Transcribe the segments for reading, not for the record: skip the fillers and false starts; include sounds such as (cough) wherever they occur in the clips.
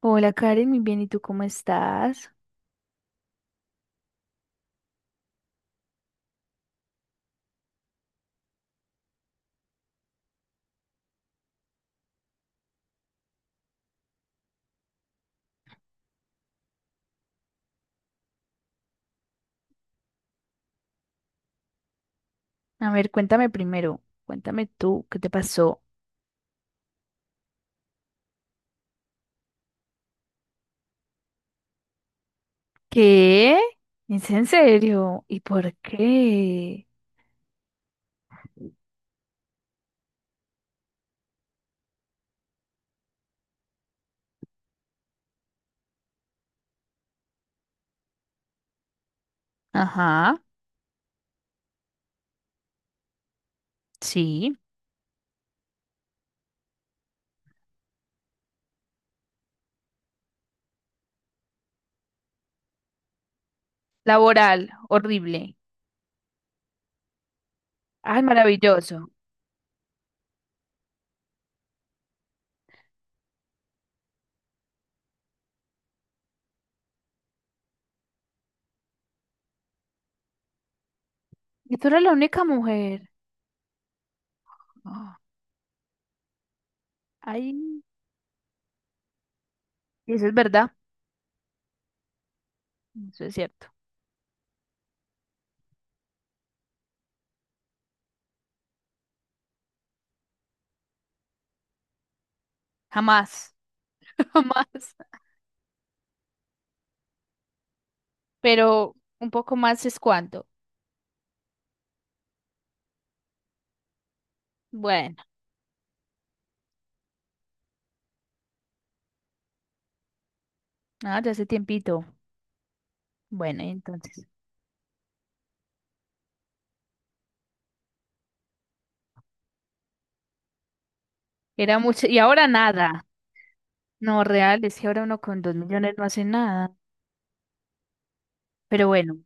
Hola Karen, muy bien, ¿y tú cómo estás? A ver, cuéntame primero, cuéntame tú, ¿qué te pasó? ¿Qué? ¿Es en serio? ¿Y por qué? Ajá, sí. Laboral, horrible. Ay, maravilloso. Y tú eres la única mujer. Oh, ay, eso es verdad, eso es cierto. Jamás, (laughs) jamás. Pero un poco más es cuánto? Bueno, ah, ya hace tiempito. Bueno, y entonces. Era mucho, y ahora nada. No, real, es que ahora uno con 2 millones no hace nada. Pero bueno.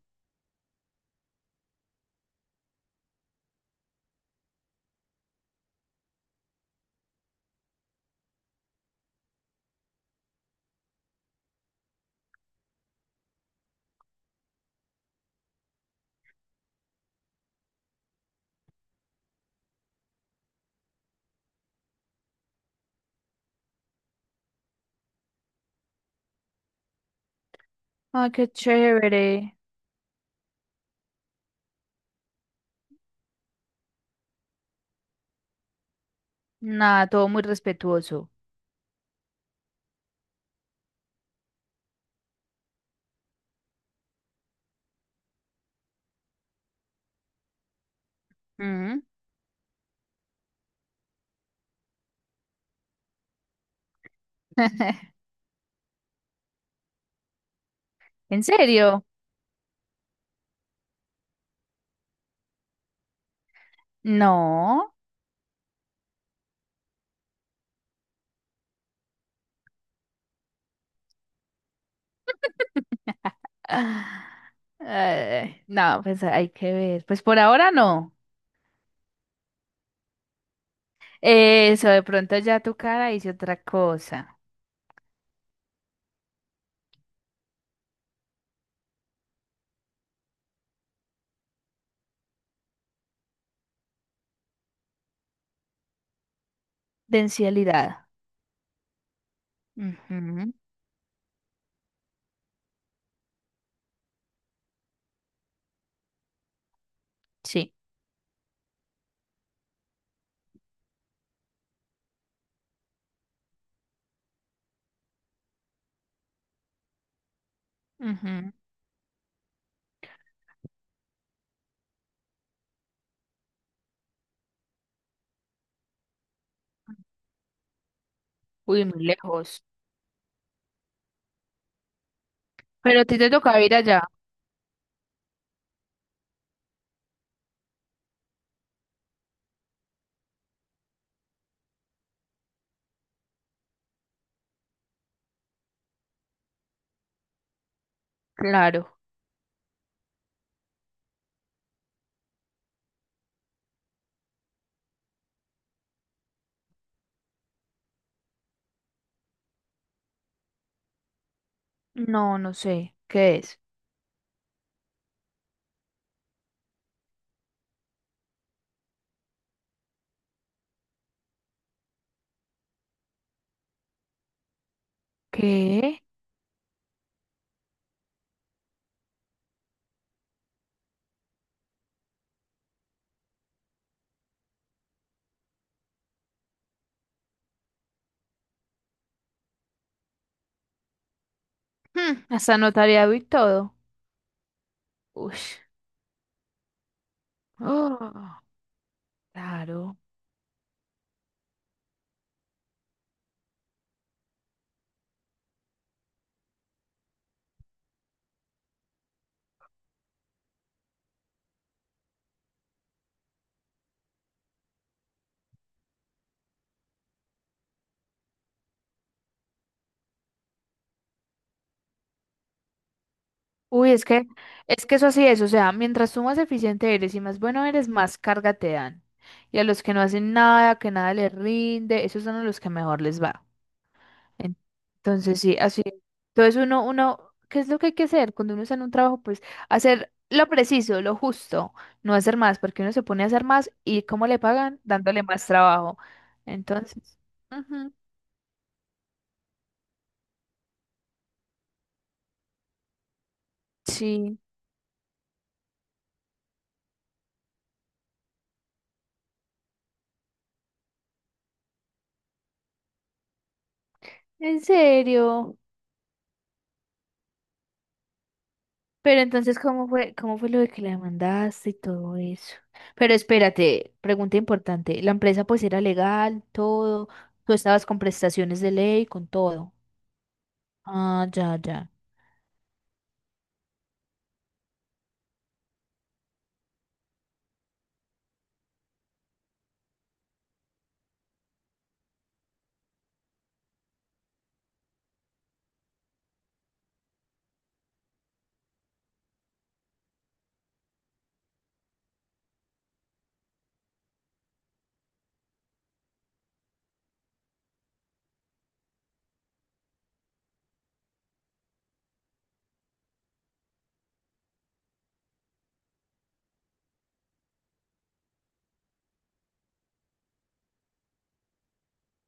Ay, qué chévere. Nada, todo muy respetuoso. Mm. (laughs) ¿En serio? No. (laughs) Ah, no, pues hay que ver. Pues por ahora no. Eso, de pronto ya tu cara dice otra cosa. Densidad. Ujú, Sí. Ujú. Uy, muy lejos. Pero a ti te toca ir allá. Claro. No, no sé. ¿Qué es? ¿Qué? Hmm, hasta notariado y todo. Uy. Oh, claro. Uy, es que eso así es. O sea, mientras tú más eficiente eres y más bueno eres, más carga te dan. Y a los que no hacen nada, que nada les rinde, esos son a los que mejor les va. En- Entonces, sí, así. Entonces, uno, ¿qué es lo que hay que hacer cuando uno está en un trabajo? Pues hacer lo preciso, lo justo, no hacer más, porque uno se pone a hacer más y ¿cómo le pagan? Dándole más trabajo. Entonces, ujú, sí. En serio. Pero entonces, ¿cómo fue lo de que la demandaste y todo eso? Pero espérate, pregunta importante. ¿La empresa pues era legal, todo? ¿Tú estabas con prestaciones de ley, con todo? Ah, ya, ya.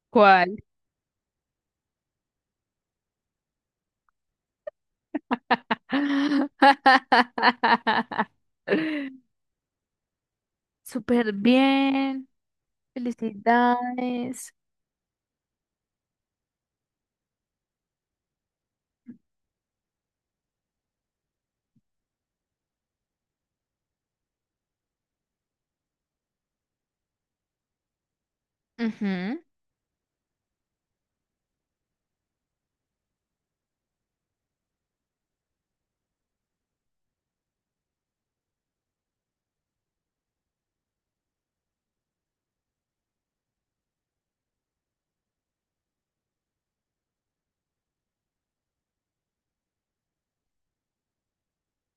¿Cuál? (laughs) Súper bien. Felicidades. Ujú.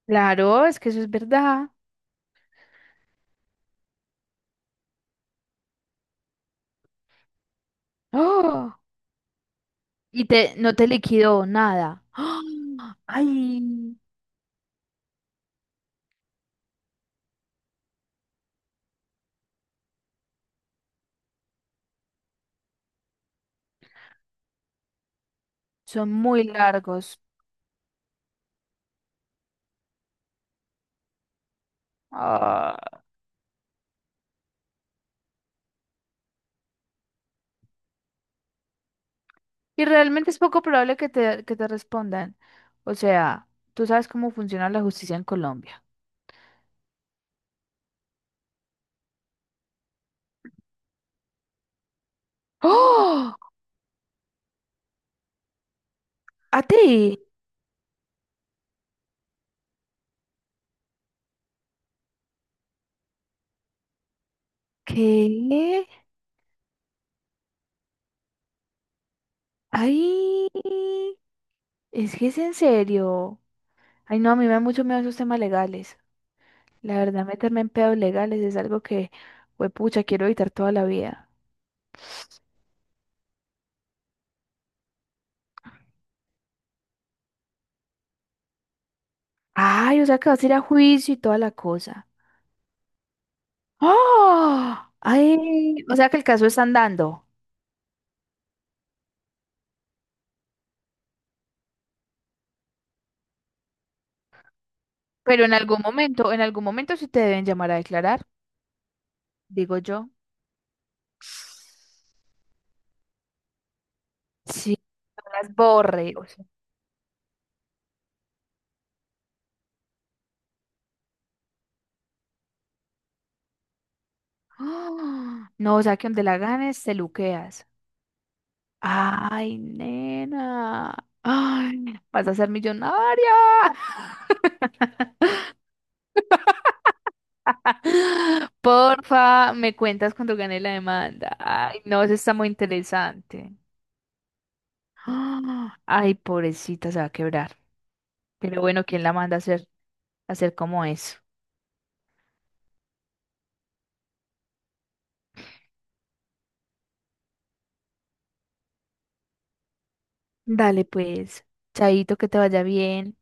Claro, es que eso es verdad. (gasps) ¡Oh! Y no te liquidó nada. (gasps) ¡Ah! Ay. Son muy largos. Ah, y realmente es poco probable que te respondan. O sea, tú sabes cómo funciona la justicia en Colombia. ¡Oh! ¿A ti? ¿Qué? Ay, es que es en serio. Ay, no, a mí me da mucho miedo esos temas legales. La verdad, meterme en pedos legales es algo que, pues, pucha, quiero evitar toda la vida. Ay, o sea que vas a ir a juicio y toda la cosa. ¡Oh! Ay, o sea que el caso está andando. Pero en algún momento sí te deben llamar a declarar, digo yo. Sí. No las borre. O sea, ¡ah! No, o sea que donde la ganes, te luqueas. Ay, nena. Ay, vas a ser millonaria. (gasps) (laughs) Porfa, me cuentas cuando gane la demanda. Ay, no, eso está muy interesante. ¡Ah! Ay, pobrecita, se va a quebrar. Pero bueno, ¿quién la manda a hacer como eso? Dale, pues. Chaito, que te vaya bien.